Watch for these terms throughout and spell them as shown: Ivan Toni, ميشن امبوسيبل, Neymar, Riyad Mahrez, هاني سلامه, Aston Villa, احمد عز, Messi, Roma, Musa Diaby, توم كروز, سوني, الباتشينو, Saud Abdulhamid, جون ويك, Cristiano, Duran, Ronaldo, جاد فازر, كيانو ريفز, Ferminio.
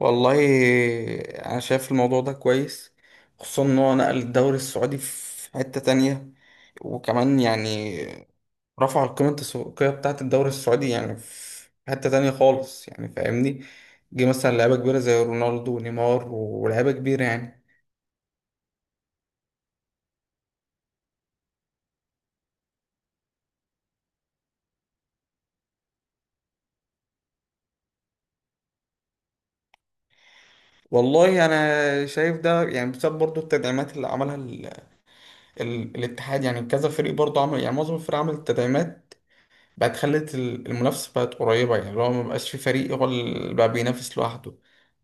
والله، انا شايف الموضوع ده كويس. خصوصا ان هو نقل الدوري السعودي في حتة تانية. وكمان يعني رفع القيمة التسويقية بتاعة الدوري السعودي يعني في حتة تانية خالص يعني فاهمني. جه مثلا لعيبة كبيرة زي رونالدو ونيمار ولعيبة كبيرة يعني. والله انا شايف ده يعني بسبب برضو التدعيمات اللي عملها الاتحاد. يعني كذا فريق برضو عمل، يعني معظم الفرق عمل التدعيمات. بقت خلت المنافسة بقت قريبة، يعني لو ما بقاش في فريق هو اللي بقى بينافس لوحده.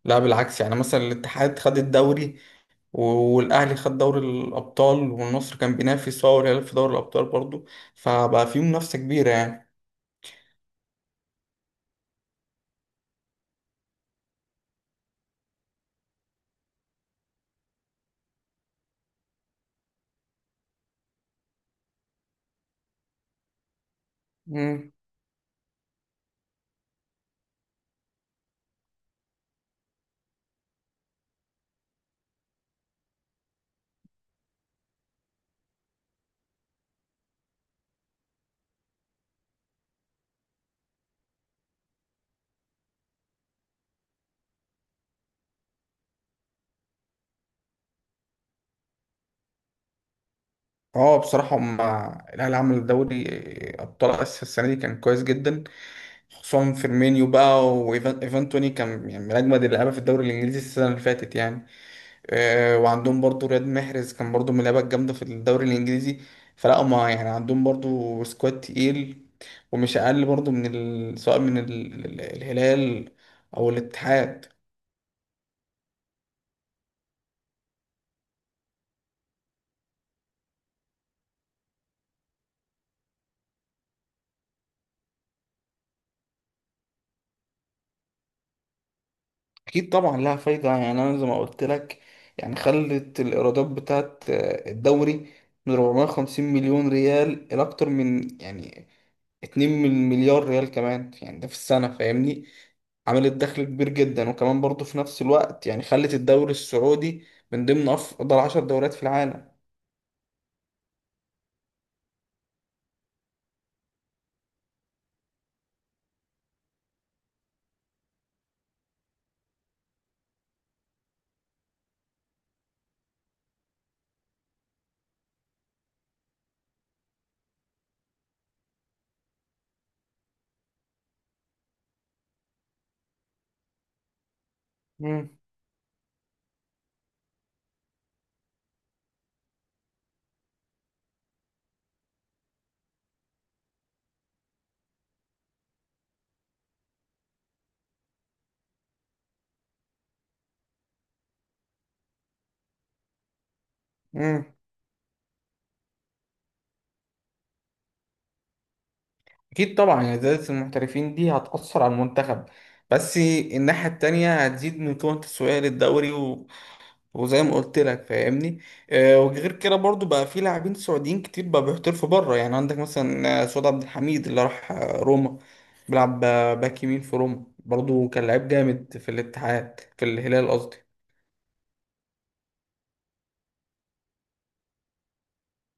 لا بالعكس، يعني مثلا الاتحاد خد الدوري، والأهلي خد دوري الأبطال، والنصر كان بينافس هو والهلال في دوري الأبطال برضو. فبقى في منافسة كبيرة يعني. مم. اه، بصراحة مع الأهلي، عمل دوري أبطال آسيا السنة دي كان كويس جدا. خصوصا فيرمينيو بقى، وإيفان توني كان يعني من أجمد اللعيبة في الدوري الإنجليزي السنة اللي فاتت يعني. وعندهم برضو رياض محرز كان برضو من اللعيبه الجامده في الدوري الانجليزي. فلا هما يعني عندهم برضو سكواد تقيل، ومش اقل برضو من سواء من الهلال او الاتحاد. اكيد طبعا لها فايده، يعني انا زي ما قلت لك. يعني خلت الايرادات بتاعت الدوري من 450 مليون ريال الى اكتر من يعني 2 مليار ريال كمان، يعني ده في السنة فاهمني. عملت دخل كبير جدا، وكمان برضه في نفس الوقت يعني خلت الدوري السعودي من ضمن أفضل 10 دوريات في العالم. مم. مم. أكيد طبعا يعني زيادة المحترفين دي هتأثر على المنتخب، بس الناحية التانية هتزيد من قيمة التسويقية للدوري، وزي ما قلت لك فاهمني. وغير كده برضو بقى في لاعبين سعوديين كتير بقى بيحترفوا بره، يعني عندك مثلا سعود عبد الحميد اللي راح روما. بيلعب باك يمين في روما برضو. كان لعيب جامد في الاتحاد، في الهلال قصدي.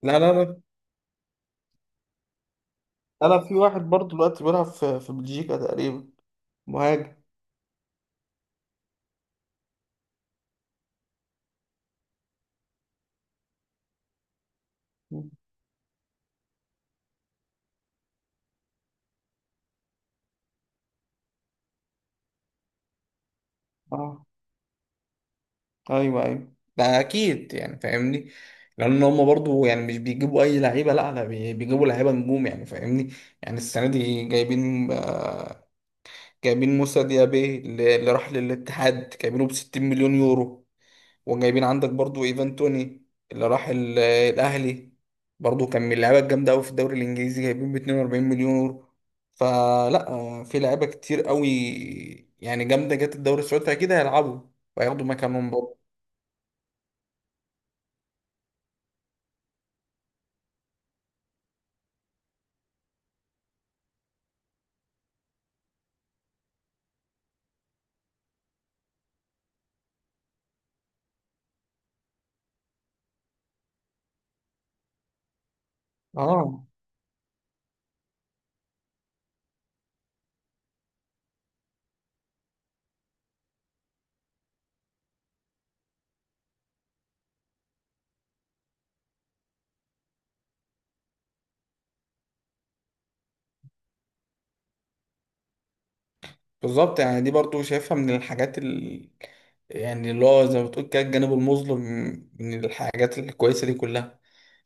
لا لا لا، لا لا، في واحد برضو دلوقتي بيلعب في بلجيكا تقريبا. مهاجم. اه، ايوه، ايوه، ده اكيد يعني فاهمني. لان هم برضو يعني مش بيجيبوا اي لعيبه، لا لا، بيجيبوا لعيبه نجوم يعني فاهمني. يعني السنه دي جايبين، جايبين موسى ديابي اللي راح للاتحاد جايبينه ب 60 مليون يورو. وجايبين عندك برضو ايفان توني اللي راح الاهلي، برضو كان من اللعيبه الجامده قوي في الدوري الانجليزي، جايبين ب 42 مليون يورو. فلا في لعيبه كتير قوي يعني جامده جت الدوري السعودي، اكيد هيلعبوا وهياخدوا مكانهم برضو. اه، بالظبط. يعني دي برضو شايفها من الحاجات يعني اللي هو زي ما بتقول كده الجانب المظلم من الحاجات الكويسه دي كلها.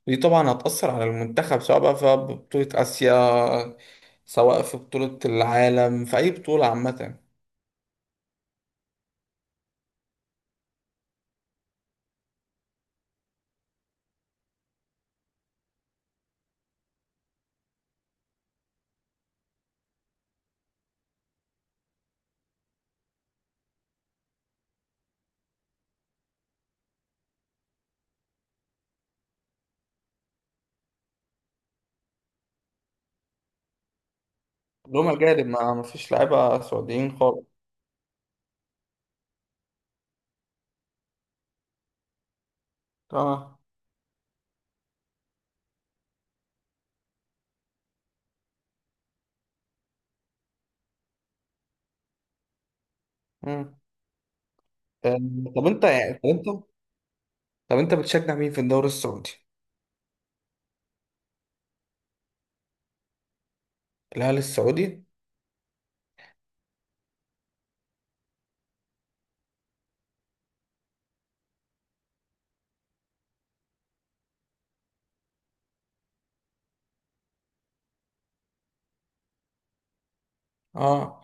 دي طبعا هتأثر على المنتخب، سواء بقى في بطولة آسيا، سواء في بطولة العالم، في أي بطولة عامة. كلهم أجانب، ما فيش لعيبة سعوديين خالص. اه. مم. طب أنت يعني طب أنت طب أنت بتشجع مين في الدوري السعودي؟ الهلال السعودي؟ اه،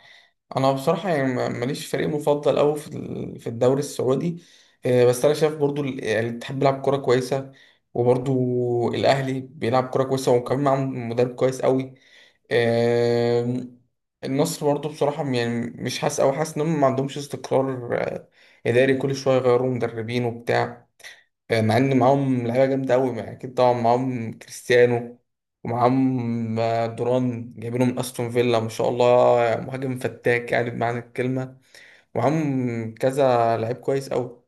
انا بصراحه يعني ماليش فريق مفضل قوي في في الدوري السعودي. بس انا شايف برضو يعني الاتحاد بيلعب كوره كويسه، وبرضو الاهلي بيلعب كوره كويسه، وكمان معاهم مدرب كويس قوي. آم، النصر برضو بصراحه يعني مش حاسس، او حاسس انهم ما عندهمش استقرار اداري كل شويه يغيروا مدربين وبتاع. مع ان معاهم لعيبه جامده قوي، يعني اكيد طبعا معاهم كريستيانو، ومعاهم دوران جايبينه من استون فيلا ما شاء الله. مهاجم فتاك يعني بمعنى الكلمه. ومعاهم كذا لعيب كويس قوي.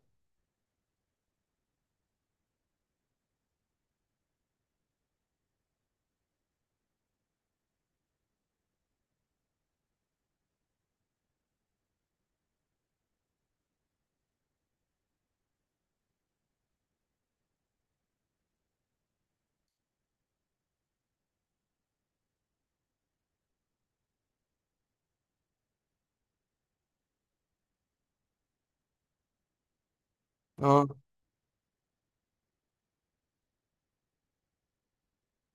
اه،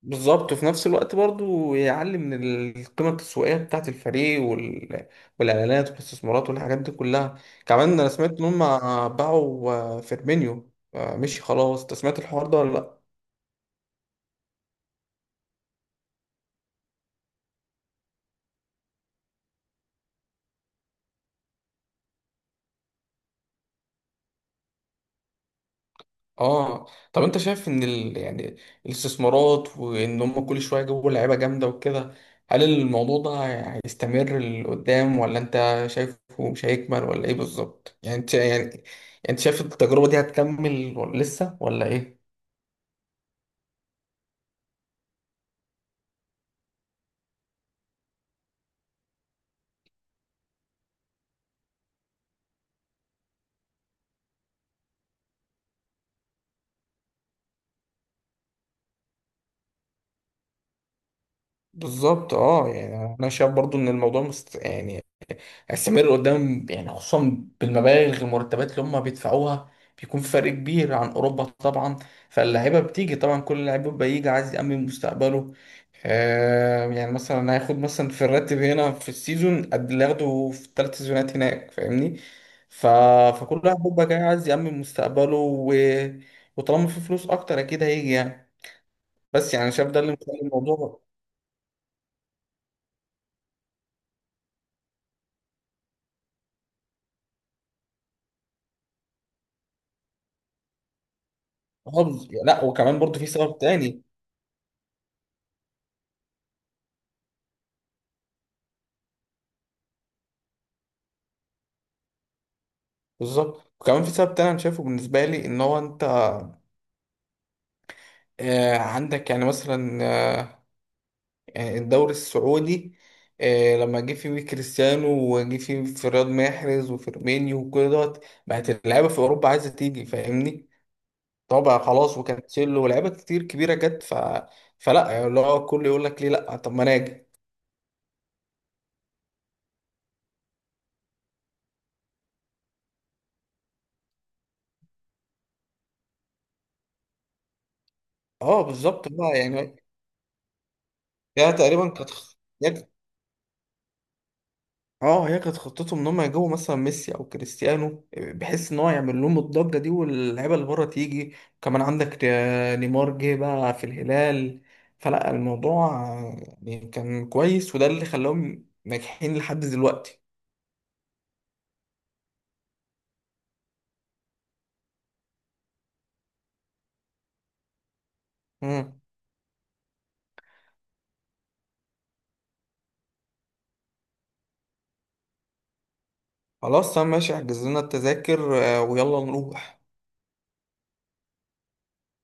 بالظبط. وفي نفس الوقت برضو يعلي من القيمة التسويقية بتاعة الفريق والإعلانات والاستثمارات والحاجات دي كلها. كمان أنا سمعت إن هم باعوا فيرمينيو، مشي خلاص. أنت سمعت الحوار ده ولا لأ؟ اه. طب انت شايف ان يعني الاستثمارات وان هم كل شويه يجيبوا لعيبه جامده وكده، هل الموضوع ده هيستمر لقدام، ولا انت شايفه مش هيكمل، ولا ايه بالظبط يعني؟ انت يعني انت شايف التجربه دي هتكمل ولا لسه، ولا ايه بالظبط؟ اه، يعني انا شايف برضو ان الموضوع يعني هيستمر قدام، يعني خصوصا بالمبالغ، المرتبات اللي هم بيدفعوها بيكون في فرق كبير عن اوروبا طبعا. فاللعيبه بتيجي طبعا، كل لعيب بيبقى يجي عايز يأمن مستقبله. يعني مثلا هياخد مثلا في الراتب هنا في السيزون قد اللي ياخده في ال 3 سيزونات هناك فاهمني. ف... فكل واحد بيبقى جاي عايز يأمن مستقبله وطالما في فلوس اكتر اكيد هيجي يعني. بس يعني شايف ده اللي مخلي الموضوع حافظ. لا، وكمان برضه في سبب تاني. بالظبط، وكمان في سبب تاني انا شايفه بالنسبه لي ان هو انت عندك يعني مثلا، يعني الدوري السعودي، لما جه فيه كريستيانو، وجه فيه فراد محرز وفيرمينيو وكل دوت، بقت اللعيبه في اوروبا عايزه تيجي فاهمني. طبعا خلاص، وكانسيلو ولاعيبه كتير كبيره جت فلا يعني اللي هو الكل يقول لك ليه لا طب ما انا اجي. اه، بالظبط بقى يعني. هي تقريبا كانت، اه، هي كانت خطتهم ان هم يجيبوا مثلا ميسي او كريستيانو، بحيث ان هو يعمل لهم الضجه دي واللعيبه اللي بره تيجي. كمان عندك نيمار جه بقى في الهلال. فلا الموضوع يعني كان كويس، وده اللي خلاهم ناجحين لحد دلوقتي. مم. خلاص تمام ماشي، احجز لنا التذاكر، ويلا نروح.